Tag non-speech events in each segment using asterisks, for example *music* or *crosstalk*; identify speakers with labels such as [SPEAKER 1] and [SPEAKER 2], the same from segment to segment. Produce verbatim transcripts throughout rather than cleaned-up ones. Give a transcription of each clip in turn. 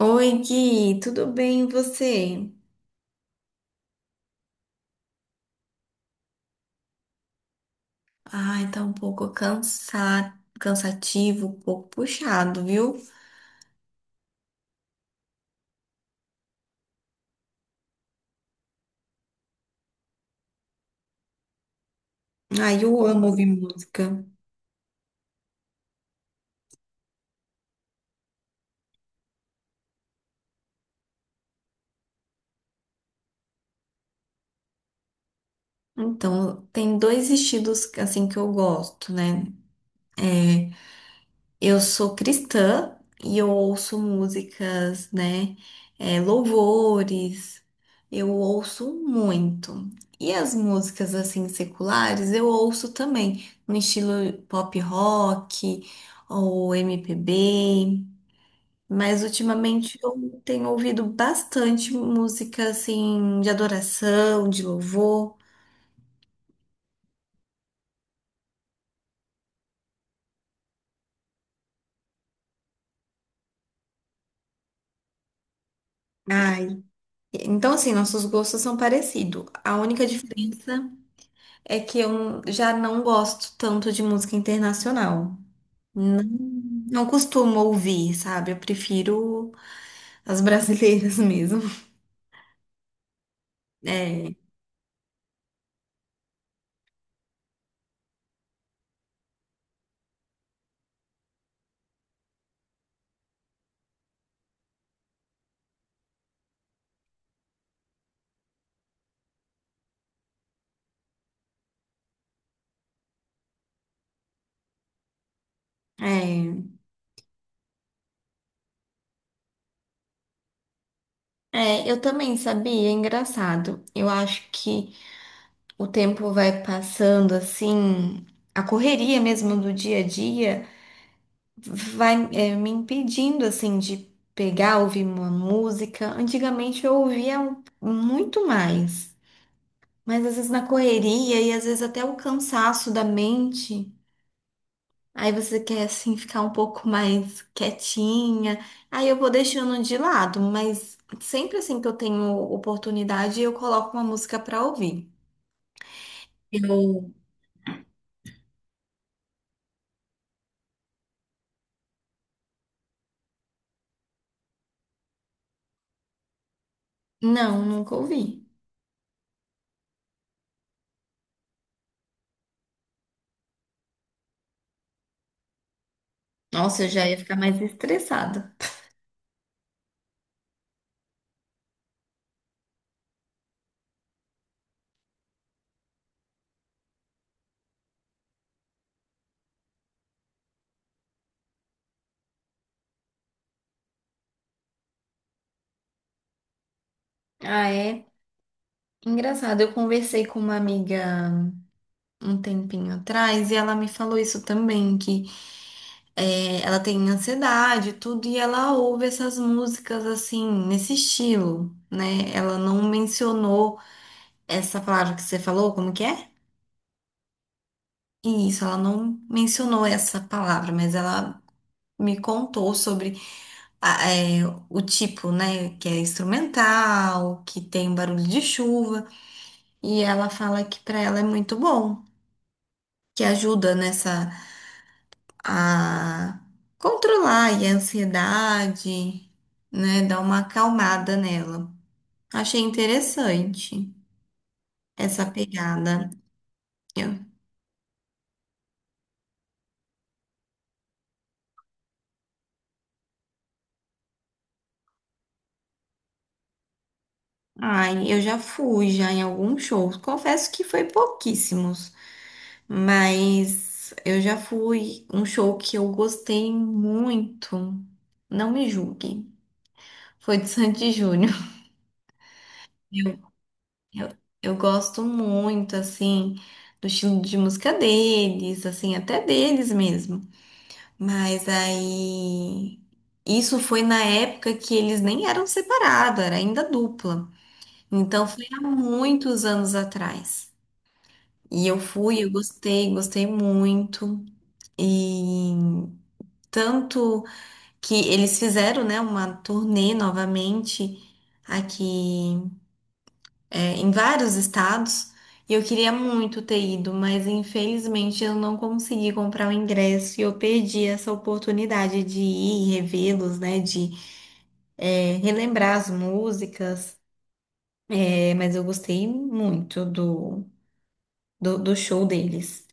[SPEAKER 1] Oi, Gui, tudo bem e você? Ai, tá um pouco cansa... cansativo, um pouco puxado, viu? Ai, eu amo ouvir música. Então, tem dois estilos assim que eu gosto, né? É, eu sou cristã e eu ouço músicas, né? É, louvores, eu ouço muito. E as músicas assim seculares eu ouço também, no estilo pop rock ou M P B. Mas ultimamente eu tenho ouvido bastante música assim de adoração, de louvor. Ai, então assim, nossos gostos são parecidos. A única diferença é que eu já não gosto tanto de música internacional. Não, não costumo ouvir, sabe? Eu prefiro as brasileiras *laughs* mesmo. É, é. É, eu também sabia, é engraçado. Eu acho que o tempo vai passando assim, a correria mesmo do dia a dia vai é, me impedindo assim de pegar, ouvir uma música. Antigamente eu ouvia muito mais. Mas às vezes na correria e às vezes até o cansaço da mente, aí você quer assim ficar um pouco mais quietinha. Aí eu vou deixando de lado, mas sempre assim que eu tenho oportunidade, eu coloco uma música pra ouvir. Eu, Não, nunca ouvi. Nossa, eu já ia ficar mais estressada. Ah, é engraçado. Eu conversei com uma amiga um tempinho atrás e ela me falou isso também, que é, ela tem ansiedade, e tudo, e ela ouve essas músicas assim, nesse estilo, né? Ela não mencionou essa palavra que você falou, como que é? Isso, ela não mencionou essa palavra, mas ela me contou sobre a- é, o tipo, né? Que é instrumental, que tem barulho de chuva, e ela fala que para ela é muito bom, que ajuda nessa. A controlar aí a ansiedade, né? Dar uma acalmada nela. Achei interessante essa pegada. Eu- ai, eu já fui já em alguns shows. Confesso que foi pouquíssimos, mas eu já fui um show que eu gostei muito. Não me julgue. Foi de Sandy *laughs* e Júnior. Eu, eu, eu gosto muito, assim, do estilo de música deles, assim, até deles mesmo. Mas aí. Isso foi na época que eles nem eram separados, era ainda dupla. Então foi há muitos anos atrás. E eu fui, eu gostei, gostei muito. E tanto que eles fizeram, né, uma turnê novamente aqui é, em vários estados e eu queria muito ter ido, mas infelizmente eu não consegui comprar o ingresso e eu perdi essa oportunidade de ir e revê-los, né? De é, relembrar as músicas. É, mas eu gostei muito do, do, do show deles.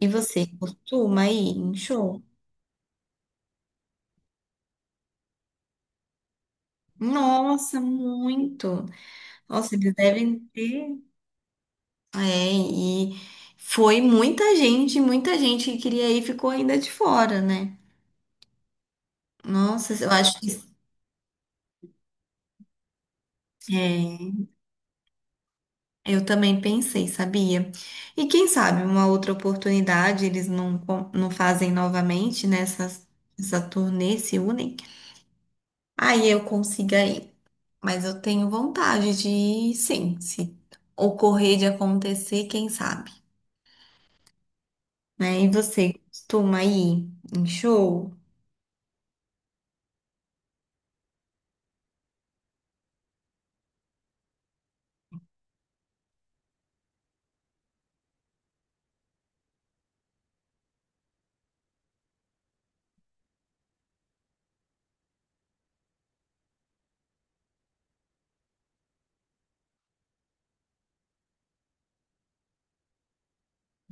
[SPEAKER 1] E você costuma ir em show? Nossa, muito! Nossa, eles devem ter. É, e foi muita gente, muita gente que queria ir ficou ainda de fora, né? Nossa, eu acho que é, eu também pensei, sabia? E quem sabe uma outra oportunidade eles não, con- não fazem novamente nessa essa turnê, se unem. Aí eu consiga ir. Mas eu tenho vontade de ir, sim, se ocorrer de acontecer, quem sabe, né? E você costuma ir em show?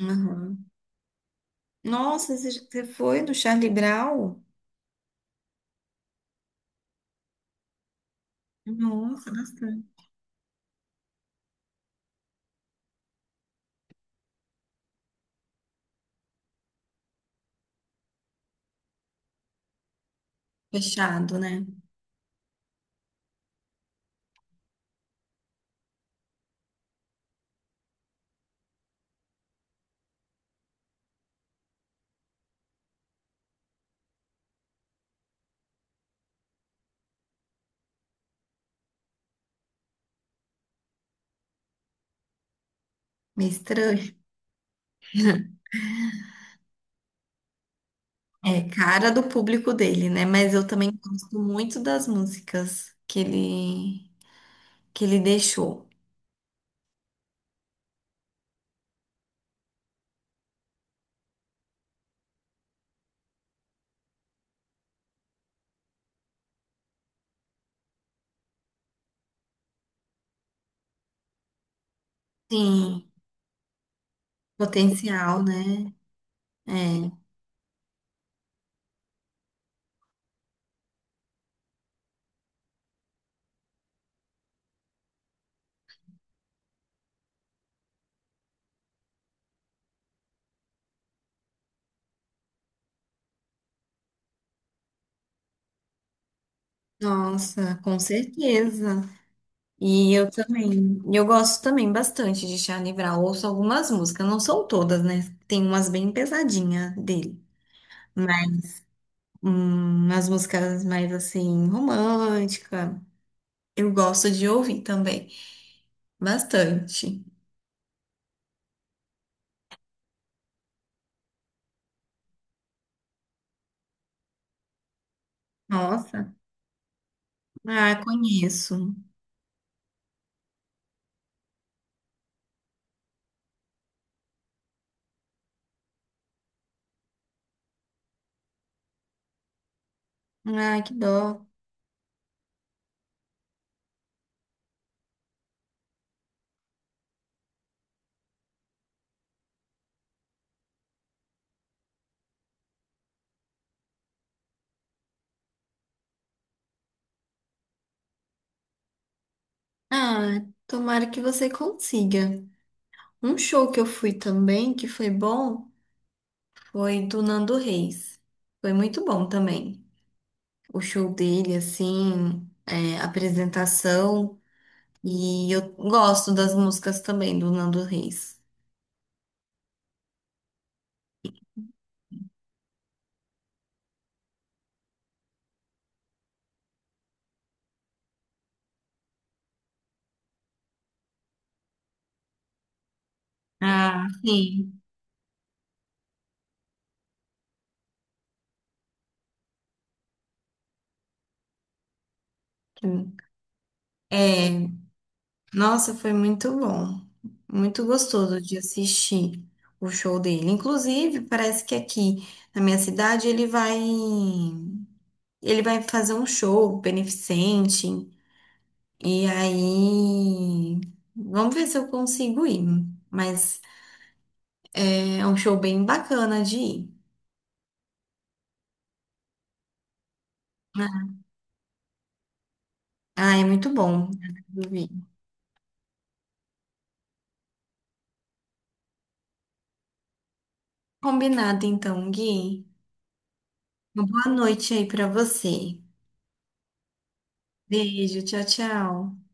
[SPEAKER 1] Uhum. Nossa, você você foi no Charlie Brown? Nossa, bastante. Fechado, né? Meio estranho. É cara do público dele, né? Mas eu também gosto muito das músicas que ele que ele deixou. Sim, potencial, né? É. Nossa, com certeza. E eu também, eu gosto também bastante de Charlie Brown. Ouço algumas músicas, não são todas, né? Tem umas bem pesadinhas dele, mas hum, as músicas mais assim romântica, eu gosto de ouvir também, bastante. Nossa, ah, conheço. Ai, que dó. Ah, tomara que você consiga. Um show que eu fui também, que foi bom, foi do Nando Reis. Foi muito bom também. O show dele, assim, é, a apresentação. E eu gosto das músicas também do Nando Reis. Ah, sim. É, nossa, foi muito bom. Muito gostoso de assistir o show dele. Inclusive, parece que aqui na minha cidade ele vai. Ele vai fazer um show beneficente. E aí. Vamos ver se eu consigo ir. Mas é um show bem bacana de ir. Ah, é muito bom. Combinado então, Gui. Uma boa noite aí pra você. Beijo, tchau, tchau.